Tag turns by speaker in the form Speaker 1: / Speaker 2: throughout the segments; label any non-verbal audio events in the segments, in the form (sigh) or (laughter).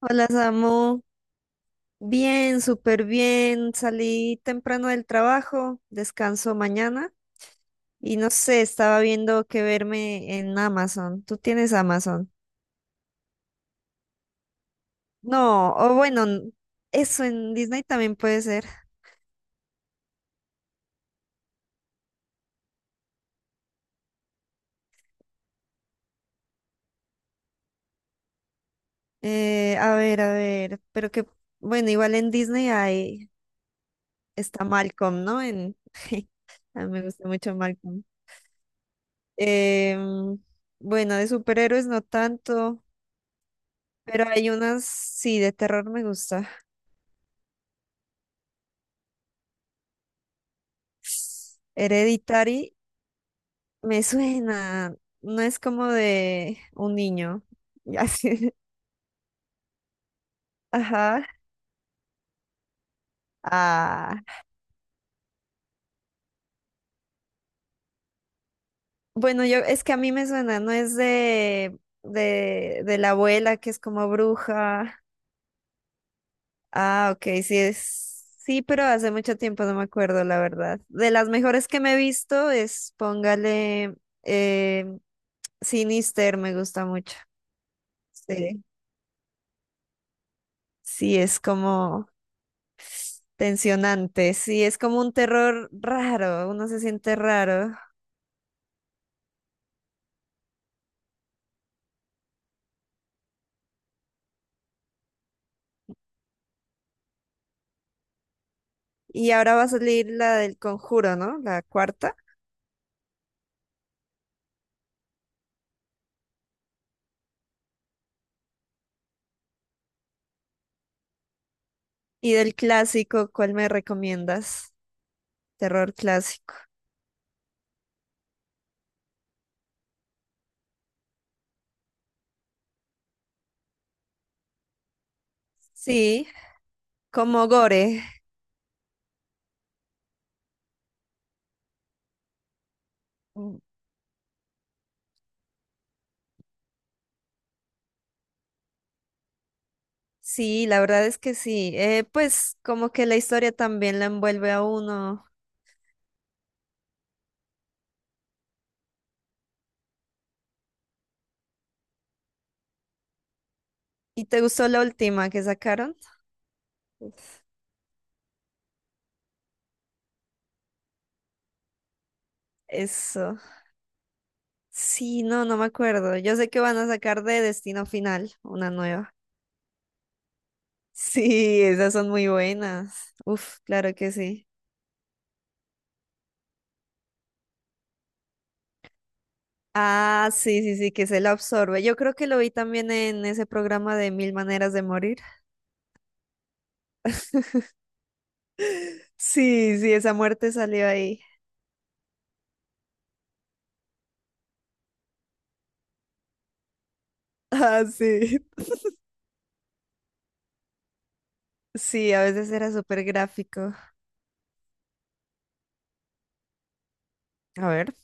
Speaker 1: Hola Samu, bien, súper bien. Salí temprano del trabajo, descanso mañana y no sé, estaba viendo qué verme en Amazon. ¿Tú tienes Amazon? No, o bueno, eso en Disney también puede ser. A ver, pero que, bueno, igual en Disney hay, está Malcolm, ¿no? En, (laughs) a mí me gusta mucho Malcolm. Em, bueno, de superhéroes no tanto, pero hay unas, sí, de terror me gusta. Hereditary me suena, no es como de un niño. (laughs) y así, ajá. Ah, bueno, yo es que a mí me suena, no es de la abuela que es como bruja. Ah, ok, sí es. Sí, pero hace mucho tiempo no me acuerdo, la verdad. De las mejores que me he visto es, póngale, eh, Sinister, me gusta mucho. Sí, sí, es como. Tensionante, sí, es como un terror raro, uno se siente raro. Y ahora va a salir la del Conjuro, ¿no? La cuarta. Y del clásico, ¿cuál me recomiendas? Terror clásico. Sí, como gore. Mm, sí, la verdad es que sí. Pues como que la historia también la envuelve a uno. ¿Y te gustó la última que sacaron? Uf. Eso. Sí, no, no me acuerdo. Yo sé que van a sacar de Destino Final una nueva. Sí, esas son muy buenas. Uf, claro que sí. Ah, sí, sí, sí, que se la absorbe. Yo creo que lo vi también en ese programa de Mil Maneras de Morir. (laughs) Sí, sí, esa muerte salió ahí. (laughs) Ah, sí. Sí, a veces era súper gráfico. A ver.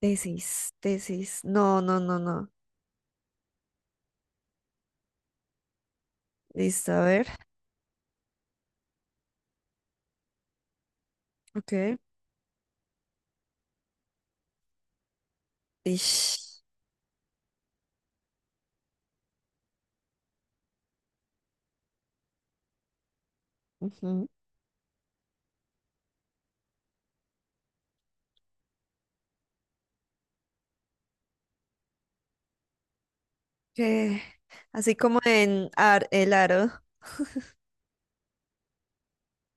Speaker 1: Tesis, tesis. No, no, no, no. Listo, a ver. Ok. Ish. Ujú. ¿Qué? Así como en El Aro.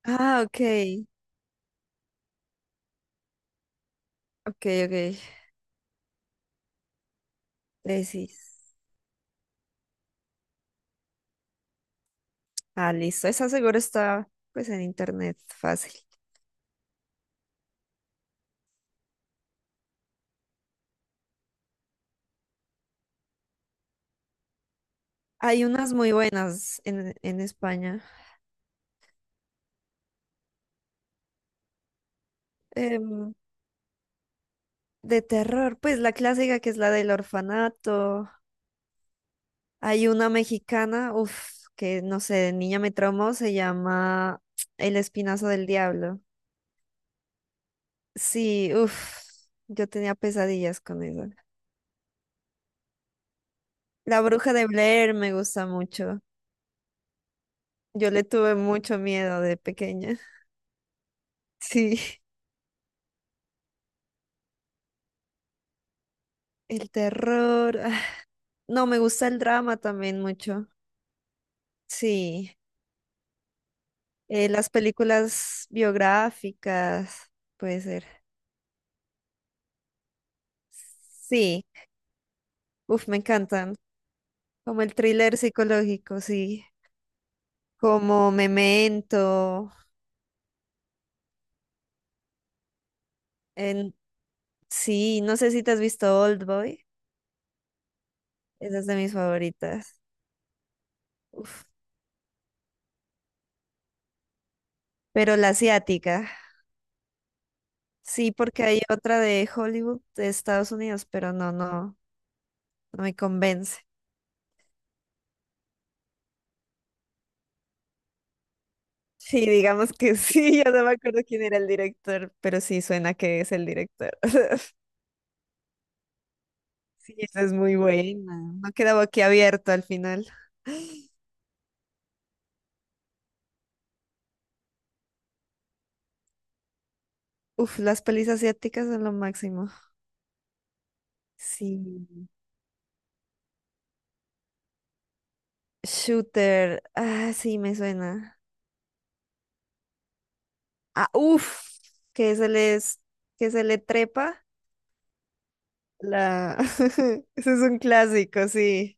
Speaker 1: Ah, ok. Ok, ok. Tesis. Ah, listo. Esa seguro está pues en internet, fácil. Hay unas muy buenas en España. Em, de terror, pues la clásica que es la del orfanato. Hay una mexicana, uff, que no sé, de niña me traumó, se llama El Espinazo del Diablo. Sí, uff, yo tenía pesadillas con eso. La Bruja de Blair me gusta mucho. Yo le tuve mucho miedo de pequeña. (laughs) Sí, el terror. No, me gusta el drama también mucho. Sí, las películas biográficas, puede ser. Sí, uf, me encantan. Como el thriller psicológico, sí. Como Memento. En... Sí, no sé si te has visto Old Boy. Esa es de mis favoritas. Uf. Pero la asiática. Sí, porque hay otra de Hollywood, de Estados Unidos, pero no, no, no me convence. Sí, digamos que sí, (laughs) ya no me acuerdo quién era el director, pero sí suena que es el director. (laughs) Sí, esa es muy buena. No quedaba aquí abierto al final. Uf, las pelis asiáticas son lo máximo. Sí. Shooter. Ah, sí, me suena. Ah, uf, que se les, que se le trepa la. (laughs) Ese es un clásico, sí.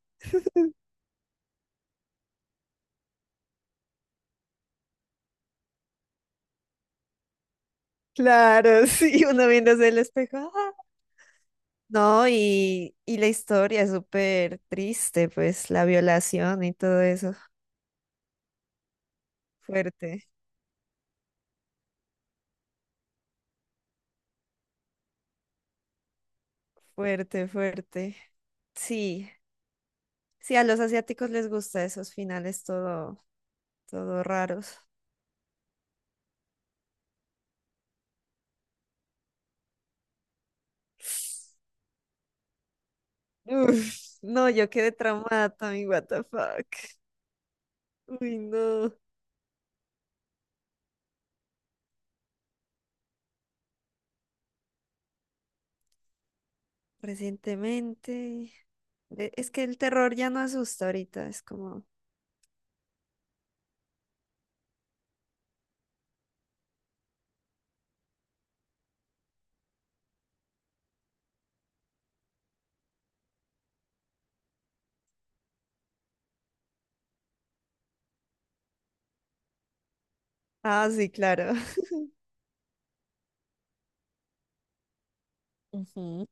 Speaker 1: Claro, (laughs) sí, uno viéndose el espejo. ¡Ah! No, y la historia es súper triste, pues la violación y todo eso. Fuerte, fuerte, fuerte. Sí, sí, a los asiáticos les gusta esos finales todo, todo raros. Uf, no, yo quedé traumada, Tommy, what the fuck. Uy, no. Recientemente. Es que el terror ya no asusta ahorita, es como. Ah, sí, claro. (laughs) Ujú.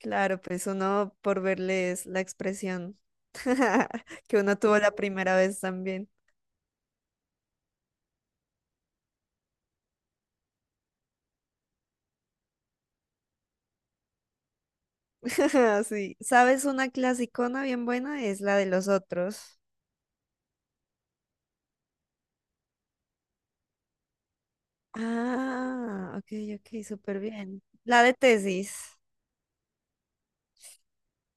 Speaker 1: Claro, pues uno por verles la expresión (laughs) que uno tuvo la primera vez también. (laughs) Sí. ¿Sabes una clasicona bien buena? Es la de los otros. Ah, ok, ok, súper bien. La de tesis.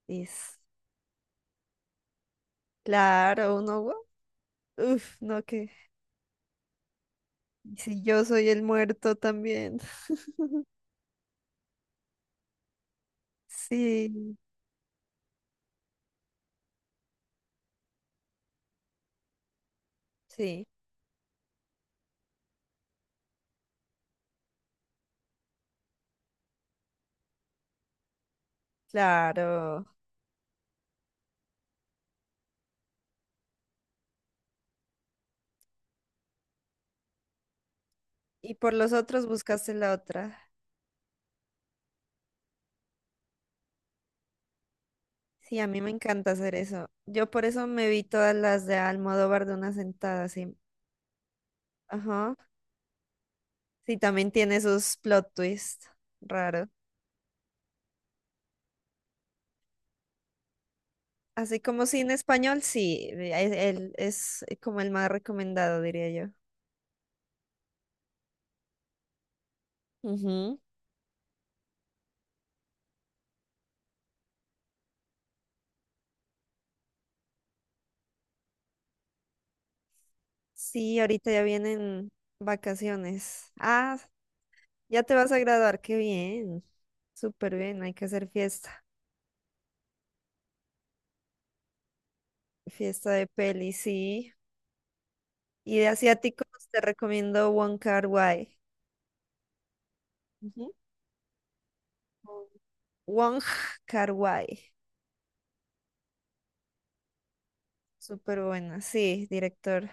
Speaker 1: Es, claro, uno, wow, uf, no, que si yo soy el muerto también. (laughs) Sí, sí, claro. Y por los otros buscaste la otra. Sí, a mí me encanta hacer eso. Yo por eso me vi todas las de Almodóvar de una sentada, sí. Ajá. Sí, también tiene sus plot twists raro. Así como cine español, sí, él es como el más recomendado, diría yo. Ujú. Sí, ahorita ya vienen vacaciones. Ah, ya te vas a graduar, qué bien. Súper bien, hay que hacer fiesta. Fiesta de peli, sí. Y de asiáticos te recomiendo One Kar-wai. Ujú. Wong Kar-wai. Súper buena. Sí, director.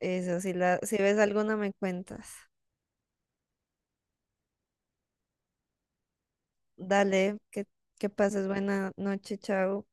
Speaker 1: Eso, si la, si ves alguna me cuentas. Dale, que pases buena noche, chao.